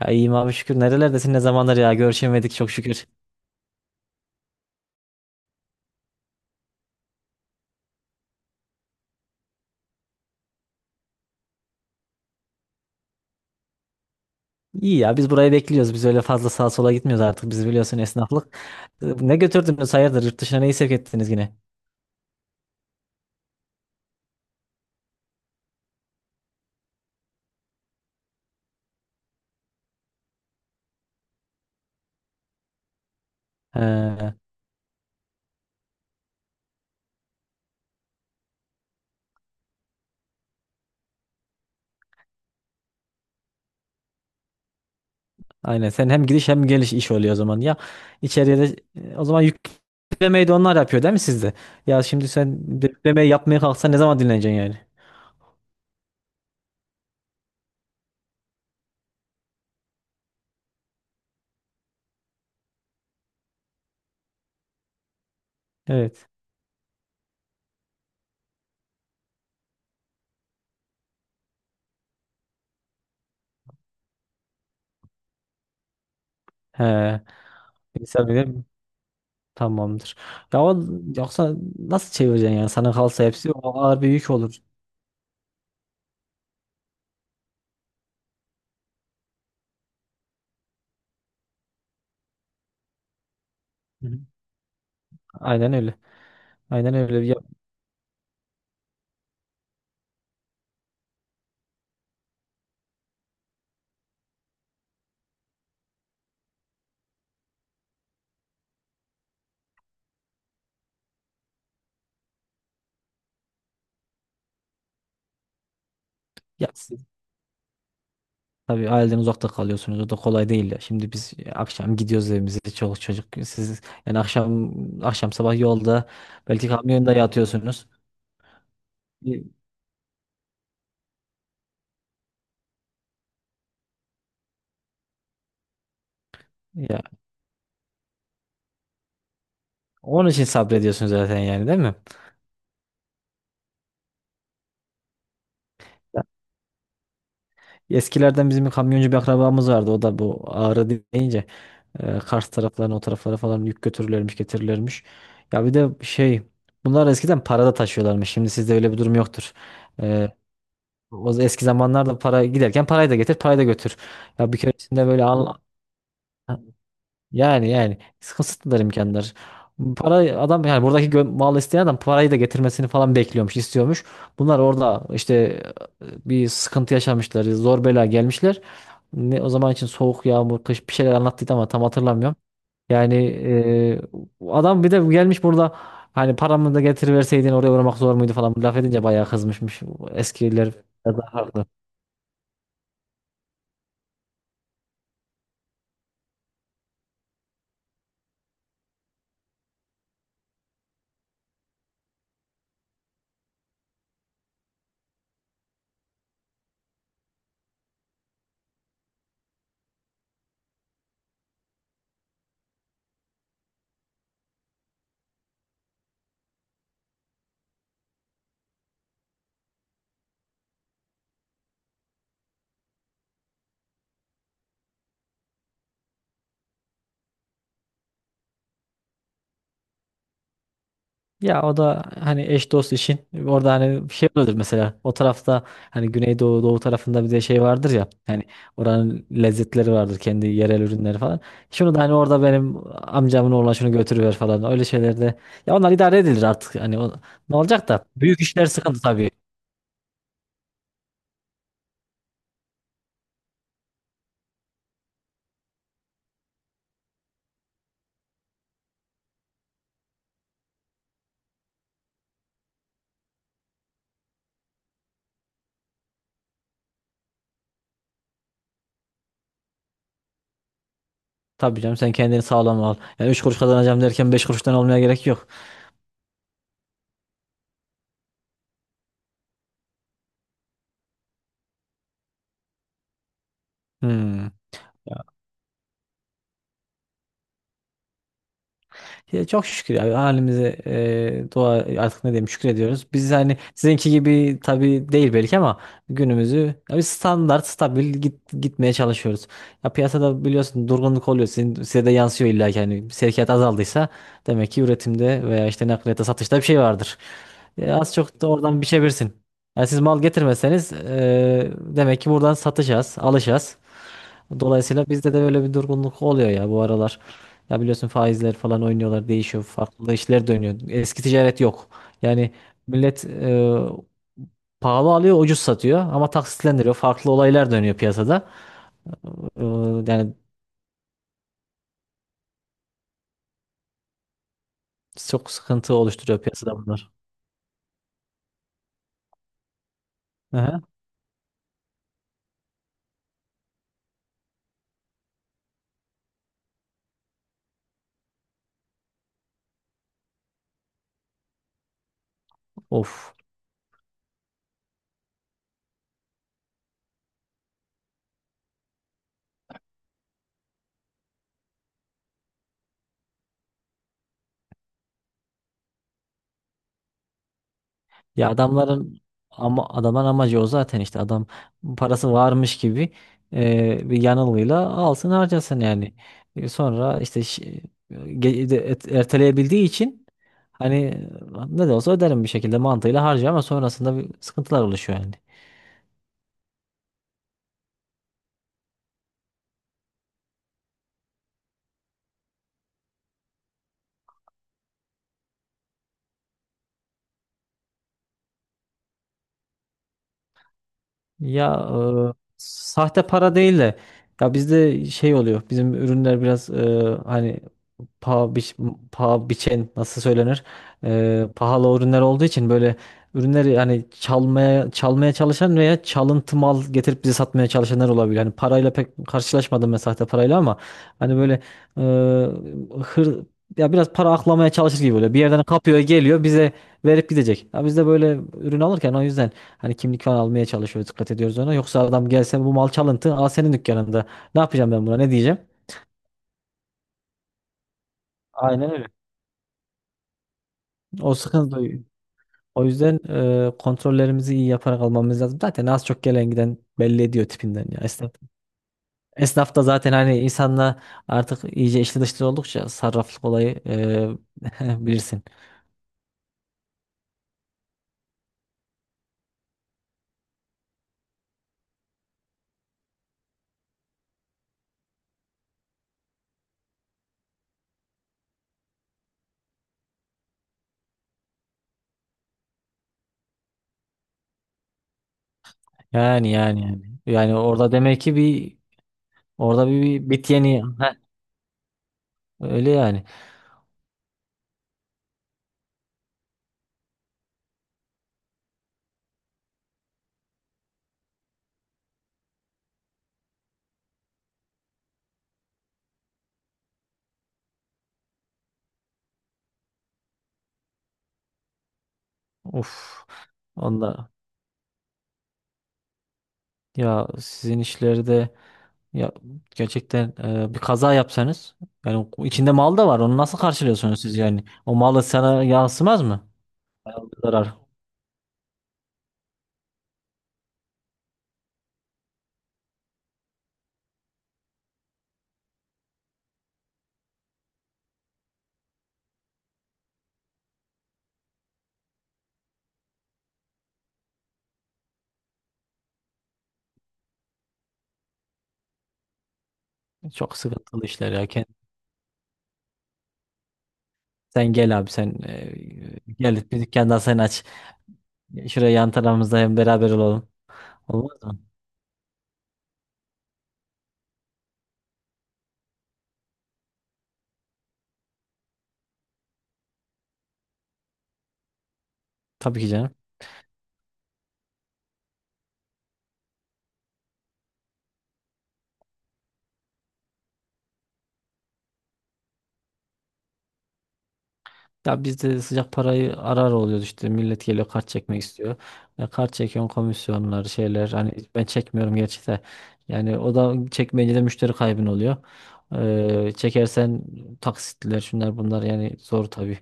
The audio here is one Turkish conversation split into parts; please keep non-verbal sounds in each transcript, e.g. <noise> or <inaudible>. Ya iyiyim abi şükür. Nerelerdesin ne zamanlar ya görüşemedik çok şükür. İyi ya biz burayı bekliyoruz. Biz öyle fazla sağa sola gitmiyoruz artık. Biz biliyorsun esnaflık. Ne götürdünüz hayırdır yurt dışına neyi sevk ettiniz yine? He, aynen sen hem gidiş hem geliş iş oluyor o zaman. Ya içeriye de o zaman yüklemeyi de onlar yapıyor değil mi sizde? Ya şimdi sen yüklemeyi yapmaya kalksan ne zaman dinleneceksin yani? Evet. He, insan bilir mi? Tamamdır. Ya o, Yoksa nasıl çevireceksin yani? Sana kalsa hepsi o ağır bir yük olur. Hı hı. Aynen öyle. Aynen öyle. Ya, ya siz tabii aileden uzakta kalıyorsunuz. O da kolay değil ya. Şimdi biz akşam gidiyoruz evimize. Çoluk çocuk. Siz yani akşam sabah yolda belki kamyonda yatıyorsunuz. E, ya onun için sabrediyorsunuz zaten yani değil mi? Ya, eskilerden bizim bir kamyoncu bir akrabamız vardı. O da bu Ağrı deyince Kars taraflarına o taraflara falan yük götürürlermiş getirirlermiş. Ya bir de şey bunlar eskiden parada taşıyorlarmış. Şimdi sizde öyle bir durum yoktur. E, O eski zamanlarda para giderken parayı da getir, parayı da götür. Ya bir keresinde böyle al yani yani kısıtlılar imkanlar. Para adam yani buradaki mal isteyen adam parayı da getirmesini falan bekliyormuş, istiyormuş. Bunlar orada işte bir sıkıntı yaşamışlar, zor bela gelmişler. Ne o zaman için soğuk, yağmur, kış bir şeyler anlattıydı ama tam hatırlamıyorum. Yani adam bir de gelmiş burada hani paramı da getiriverseydin oraya uğramak zor muydu falan laf edince bayağı kızmışmış. Eskiler biraz daha haklı. Ya o da hani eş dost işin orada hani bir şey oluyordur mesela o tarafta hani Güneydoğu Doğu tarafında bir de şey vardır ya hani oranın lezzetleri vardır kendi yerel ürünleri falan. Şunu da hani orada benim amcamın oğlan şunu götürüver falan öyle şeylerde ya onlar idare edilir artık hani o, ne olacak da büyük işler sıkıntı tabii. Tabii canım sen kendini sağlam al. Yani 3 kuruş kazanacağım derken 5 kuruştan olmaya gerek yok. Hmm. Ya çok şükür abi halimize dua artık ne diyeyim şükrediyoruz. Biz hani sizinki gibi tabii değil belki ama günümüzü ya biz standart stabil gitmeye çalışıyoruz. Ya piyasada biliyorsun durgunluk oluyor. Sizin, size de yansıyor illa ki hani sevkiyat azaldıysa demek ki üretimde veya işte nakliyata satışta bir şey vardır. Az çok da oradan biçebilirsin. Yani siz mal getirmeseniz demek ki buradan satacağız, alacağız. Dolayısıyla bizde de böyle bir durgunluk oluyor ya bu aralar. Ya biliyorsun faizler falan oynuyorlar, değişiyor, farklı işler dönüyor. Eski ticaret yok. Yani millet pahalı alıyor, ucuz satıyor ama taksitlendiriyor. Farklı olaylar dönüyor piyasada. E, Yani çok sıkıntı oluşturuyor piyasada bunlar. Aha, of. Ya adamların ama adamın amacı o zaten işte adam parası varmış gibi bir yanılgıyla alsın harcasın yani. E, sonra işte erteleyebildiği için hani ne de olsa öderim bir şekilde mantığıyla harcıyor ama sonrasında bir sıkıntılar oluşuyor yani. Ya sahte para değil de ya bizde şey oluyor. Bizim ürünler biraz hani paha, biç, paha biçen nasıl söylenir? Pahalı ürünler olduğu için böyle ürünleri hani çalmaya çalışan veya çalıntı mal getirip bize satmaya çalışanlar olabilir. Hani parayla pek karşılaşmadım ben sahte parayla ama hani böyle e, hır ya biraz para aklamaya çalışır gibi böyle bir yerden kapıyor geliyor bize verip gidecek. Ya biz de böyle ürün alırken o yüzden hani kimlik falan almaya çalışıyoruz dikkat ediyoruz ona. Yoksa adam gelse bu mal çalıntı aa senin dükkanında ne yapacağım ben buna ne diyeceğim? Aynen öyle. O sıkıntı. O yüzden kontrollerimizi iyi yaparak almamız lazım. Zaten az çok gelen giden belli ediyor tipinden ya esnaf. Esnaf da zaten hani insanla artık iyice içli dışlı oldukça sarraflık olayı <laughs> bilirsin. Yani. Yani orada demek ki orada bir, bir bit yeni. Heh, öyle yani. Uf. Onda ya sizin işlerde ya gerçekten bir kaza yapsanız yani içinde mal da var. Onu nasıl karşılıyorsunuz siz yani? O malı sana yansımaz mı? Bayağı bir zarar. Çok sıkıntılı işler ya. Sen gel abi sen gel bir dükkandan sen aç. Şuraya yan tarafımızda hem beraber olalım. Olmaz mı? Tabii ki canım. Ya bizde de sıcak parayı arar oluyoruz işte millet geliyor kart çekmek istiyor. E, kart çekiyorsun komisyonlar şeyler hani ben çekmiyorum gerçi de yani o da çekmeyince de müşteri kaybın oluyor. Çekersen taksitler şunlar bunlar yani zor tabii.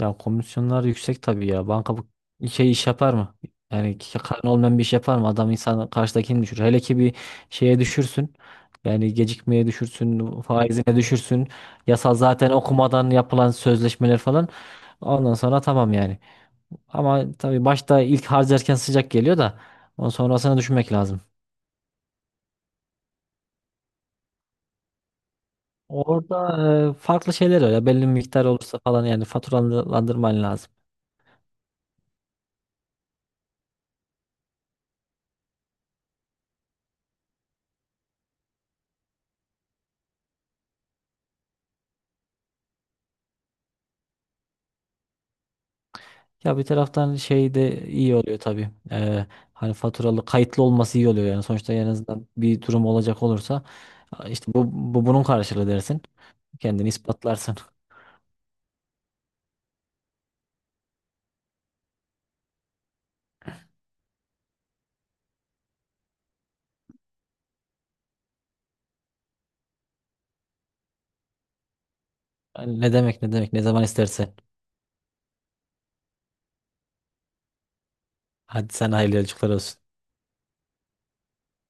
Ya komisyonlar yüksek tabii ya. Banka bu şey iş yapar mı? Yani karın olmayan bir iş yapar mı? Adam insan karşıdakini düşür. Hele ki bir şeye düşürsün. Yani gecikmeye düşürsün, faizine düşürsün. Yasal zaten okumadan yapılan sözleşmeler falan. Ondan sonra tamam yani. Ama tabii başta ilk harcarken sıcak geliyor da ondan sonrasını düşünmek lazım. Orada farklı şeyler var ya belli bir miktar olursa falan yani faturalandırman lazım. Ya bir taraftan şey de iyi oluyor tabii. Hani faturalı kayıtlı olması iyi oluyor yani. Sonuçta en azından bir durum olacak olursa işte bu bunun karşılığı dersin. Kendini ispatlarsın. <laughs> Yani ne demek ne demek ne zaman istersen. Hadi sen hayırlı yolculuklar olsun.